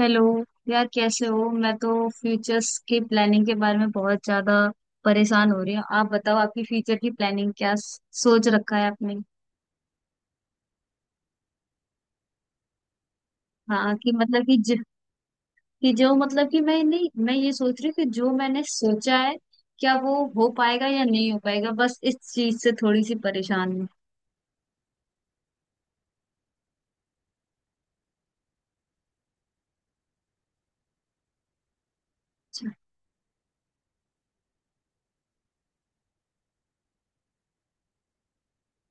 Hello. यार, कैसे हो? मैं तो फ्यूचर्स की प्लानिंग के बारे में बहुत ज्यादा परेशान हो रही हूँ। आप बताओ, आपकी फ्यूचर की प्लानिंग क्या सोच रखा है आपने? हाँ, कि मतलब कि जो मतलब कि मैं नहीं मैं ये सोच रही हूँ कि जो मैंने सोचा है क्या वो हो पाएगा या नहीं हो पाएगा, बस इस चीज से थोड़ी सी परेशान हूँ। अच्छा।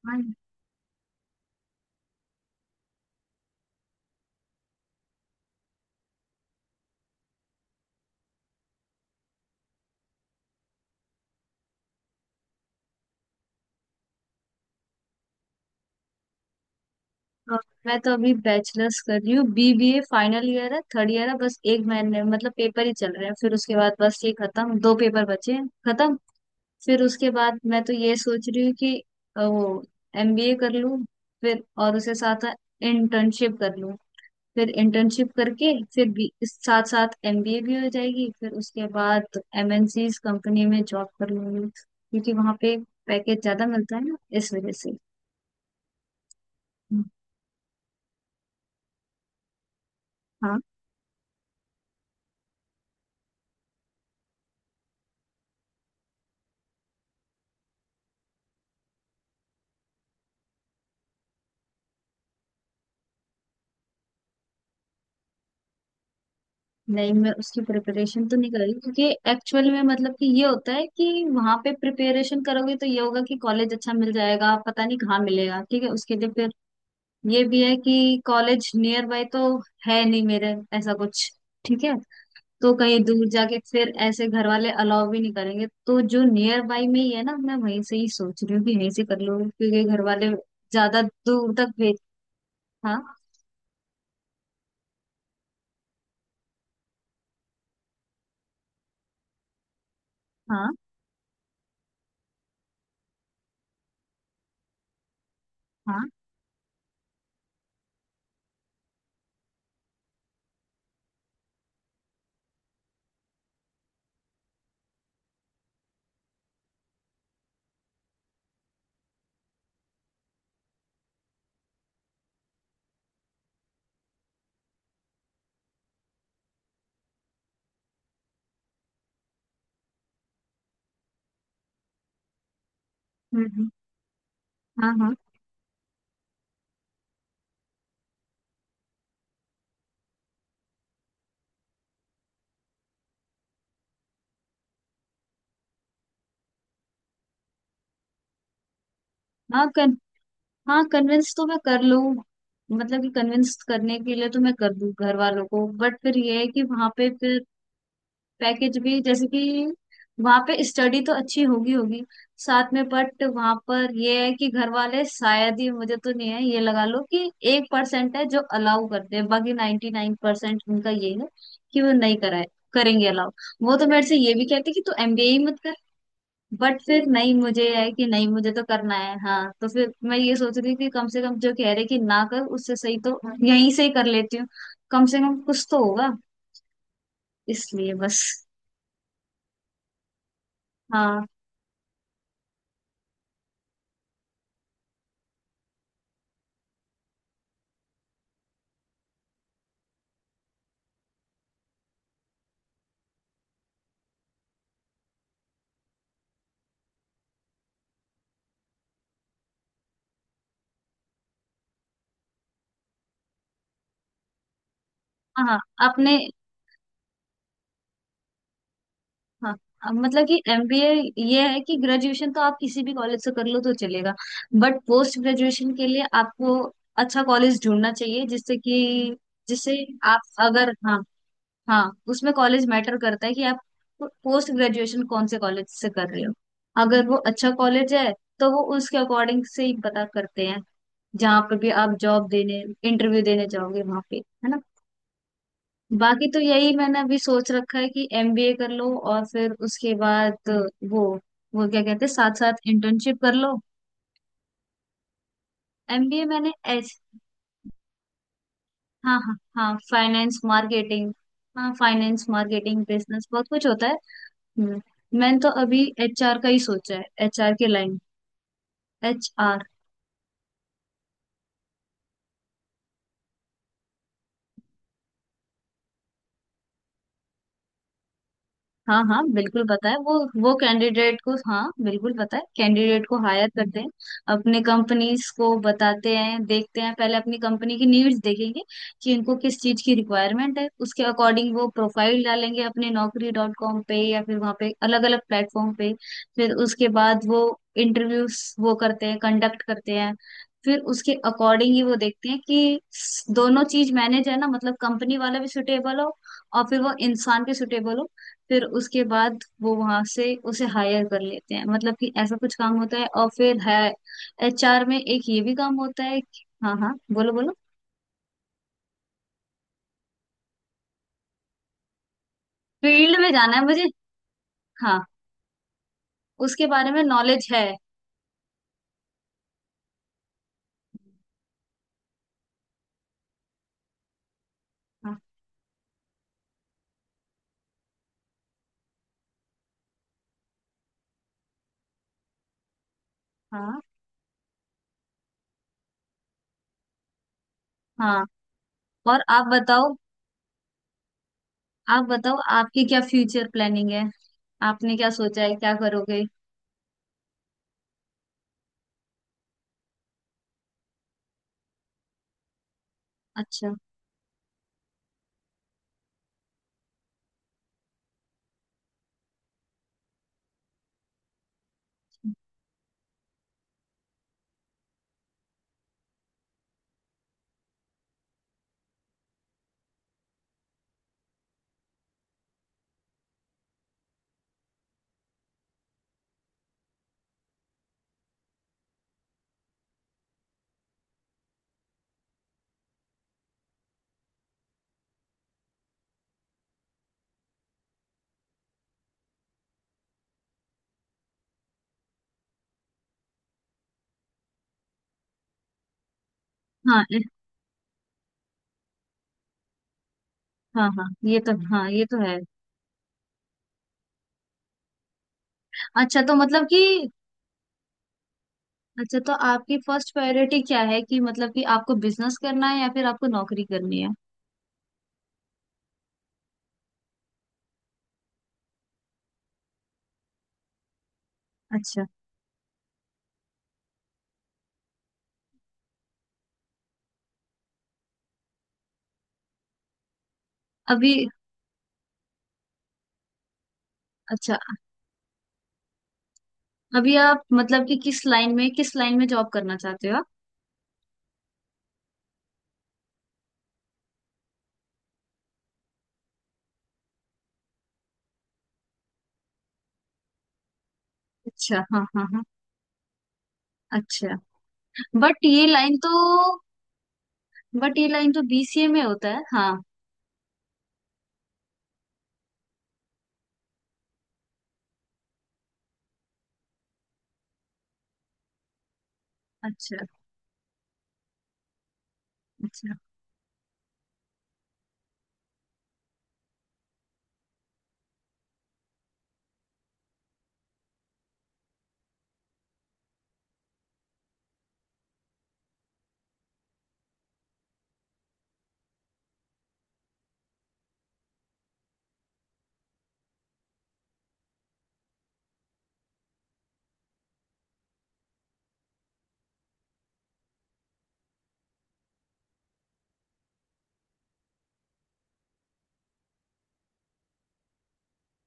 हाँ। अ, मैं तो अभी बैचलर्स कर रही हूँ। बीबीए फाइनल ईयर है, थर्ड ईयर है। बस एक महीने, मतलब पेपर ही चल रहे हैं, फिर उसके बाद बस ये खत्म। दो पेपर बचे हैं, खत्म। फिर उसके बाद मैं तो ये सोच रही हूँ कि वो एमबीए कर लूँ, फिर और उसे साथ इंटर्नशिप कर लूँ। फिर इंटर्नशिप करके फिर भी इस साथ साथ एमबीए भी हो जाएगी। फिर उसके बाद एमएनसीज कंपनी में जॉब कर लूंगी क्योंकि वहाँ पे पैकेज ज्यादा मिलता है ना, इस वजह से। हाँ। नहीं, मैं उसकी प्रिपरेशन तो नहीं कर रही क्योंकि एक्चुअल में मतलब कि ये होता है कि वहां पे प्रिपरेशन करोगे तो ये होगा कि कॉलेज अच्छा मिल जाएगा, पता नहीं कहाँ मिलेगा, ठीक है। उसके लिए ये भी है कि कॉलेज नियर बाय तो है नहीं मेरे, ऐसा कुछ, ठीक है। तो कहीं दूर जाके फिर ऐसे घर वाले अलाउ भी नहीं करेंगे, तो जो नियर बाय में ही है ना, मैं वहीं से ही सोच रही हूँ कि यहीं से कर लूँ क्योंकि घर वाले ज्यादा दूर तक भेज। हाँ, हाँ, हाँ। हम्म, हम्म। हाँ, हाँ। हाँ कन, हाँ, कन्विंस तो मैं कर लूँ, मतलब कि कन्विंस करने के लिए तो मैं कर दूँ घर वालों को। बट फिर ये है कि वहां पे फिर पैकेज भी, जैसे कि वहां पे स्टडी तो अच्छी होगी होगी साथ में, बट वहां पर ये है कि घर वाले शायद ही, मुझे तो नहीं है, ये लगा लो कि 1% है जो अलाउ करते हैं, बाकी 99% उनका ये है कि वो नहीं कराए करेंगे अलाउ। वो तो मेरे से ये भी कहते कि तू एमबीए ही मत कर। बट फिर नहीं मुझे है कि नहीं, मुझे तो करना है। हाँ, तो फिर मैं ये सोच रही थी कि कम से कम जो कह रहे कि ना कर, उससे सही तो यहीं से ही कर लेती हूँ, कम से कम कुछ तो होगा, इसलिए बस। हाँ, हाँ। आपने। हाँ। अब मतलब कि एमबीए, ये है कि ग्रेजुएशन तो आप किसी भी कॉलेज से कर लो तो चलेगा, बट पोस्ट ग्रेजुएशन के लिए आपको अच्छा कॉलेज ढूंढना चाहिए, जिससे कि जिससे आप, अगर, हाँ, हाँ, उसमें कॉलेज मैटर करता है कि आप पोस्ट ग्रेजुएशन कौन से कॉलेज से कर रहे हो। अगर वो अच्छा कॉलेज है तो वो उसके अकॉर्डिंग से ही पता करते हैं, जहाँ पे भी आप जॉब देने, इंटरव्यू देने जाओगे वहां पे, है ना। बाकी तो यही मैंने अभी सोच रखा है कि एमबीए कर लो और फिर उसके बाद वो वो क्या कहते हैं, साथ साथ इंटर्नशिप कर लो। एमबीए मैंने ऐस। हाँ, हाँ, हाँ, फाइनेंस मार्केटिंग। हाँ, फाइनेंस मार्केटिंग बिजनेस बहुत कुछ होता है। हम्म। मैंने तो अभी एचआर का ही सोचा है, एचआर के लाइन। एचआर। हाँ, हाँ, बिल्कुल पता है, वो कैंडिडेट को, हाँ बिल्कुल पता है, कैंडिडेट को हायर करते हैं, अपने कंपनीज को बताते हैं, देखते हैं पहले अपनी कंपनी की नीड्स देखेंगे कि इनको किस चीज की रिक्वायरमेंट है, उसके अकॉर्डिंग वो प्रोफाइल डालेंगे अपने नौकरी डॉट कॉम पे या फिर वहाँ पे अलग अलग प्लेटफॉर्म पे। फिर उसके बाद वो इंटरव्यूज वो करते हैं, कंडक्ट करते हैं। फिर उसके अकॉर्डिंग ही वो देखते हैं कि दोनों चीज मैनेज है ना, मतलब कंपनी वाला भी सुटेबल हो, और फिर वो इंसान के सुटेबल हो। फिर उसके बाद वो वहां से उसे हायर कर लेते हैं, मतलब कि ऐसा कुछ काम होता है। और फिर है एचआर में एक ये भी काम होता है हाँ, हाँ, बोलो बोलो। फील्ड में जाना है मुझे। हाँ, उसके बारे में नॉलेज है। हाँ, हाँ, हाँ। और आप बताओ। आप बताओ आपकी क्या फ्यूचर प्लानिंग है? आपने क्या सोचा है, क्या करोगे? अच्छा। हाँ। हाँ, हाँ, ये तो, हाँ ये तो है। अच्छा, तो मतलब कि, अच्छा तो आपकी फर्स्ट प्रायोरिटी क्या है कि मतलब कि आपको बिजनेस करना है या फिर आपको नौकरी करनी है? अच्छा। अभी। अच्छा, अभी आप मतलब कि किस लाइन में, किस लाइन में जॉब करना चाहते हो आप? अच्छा, हाँ, हाँ, हाँ। अच्छा। बट ये लाइन तो, बीसीए में होता है, हाँ। अच्छा। अच्छा।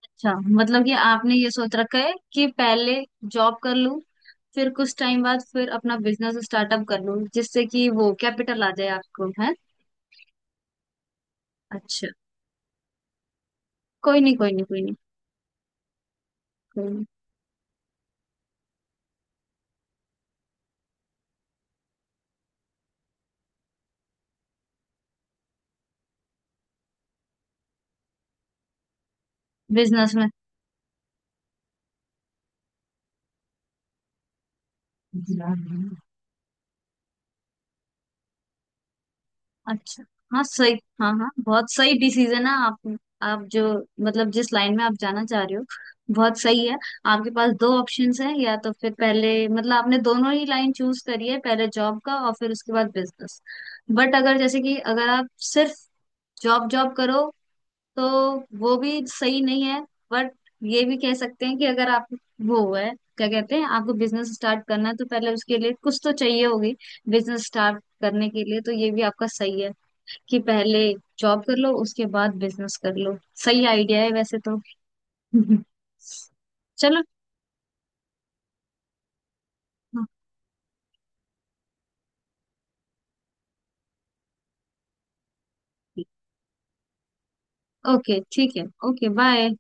अच्छा, मतलब कि आपने ये सोच रखा है कि पहले जॉब कर लूं, फिर कुछ टाइम बाद फिर अपना बिजनेस स्टार्टअप कर लूं जिससे कि वो कैपिटल आ जाए आपको, है। अच्छा। कोई नहीं, कोई नहीं, कोई नहीं, कोई नहीं। बिजनेस में। अच्छा, हाँ सही। हाँ, हाँ, बहुत सही डिसीजन है आप जो, मतलब जिस लाइन में आप जाना चाह रहे हो, बहुत सही है। आपके पास दो ऑप्शंस हैं, या तो फिर पहले, मतलब आपने दोनों ही लाइन चूज करी है, पहले जॉब का और फिर उसके बाद बिजनेस। बट अगर जैसे कि अगर आप सिर्फ जॉब जॉब करो तो वो भी सही नहीं है। बट ये भी कह सकते हैं कि अगर आप, वो है, क्या कहते हैं, आपको बिजनेस स्टार्ट करना है तो पहले उसके लिए कुछ तो चाहिए होगी, बिजनेस स्टार्ट करने के लिए। तो ये भी आपका सही है कि पहले जॉब कर लो, उसके बाद बिजनेस कर लो। सही आइडिया है वैसे तो। चलो, ओके ठीक है, ओके बाय।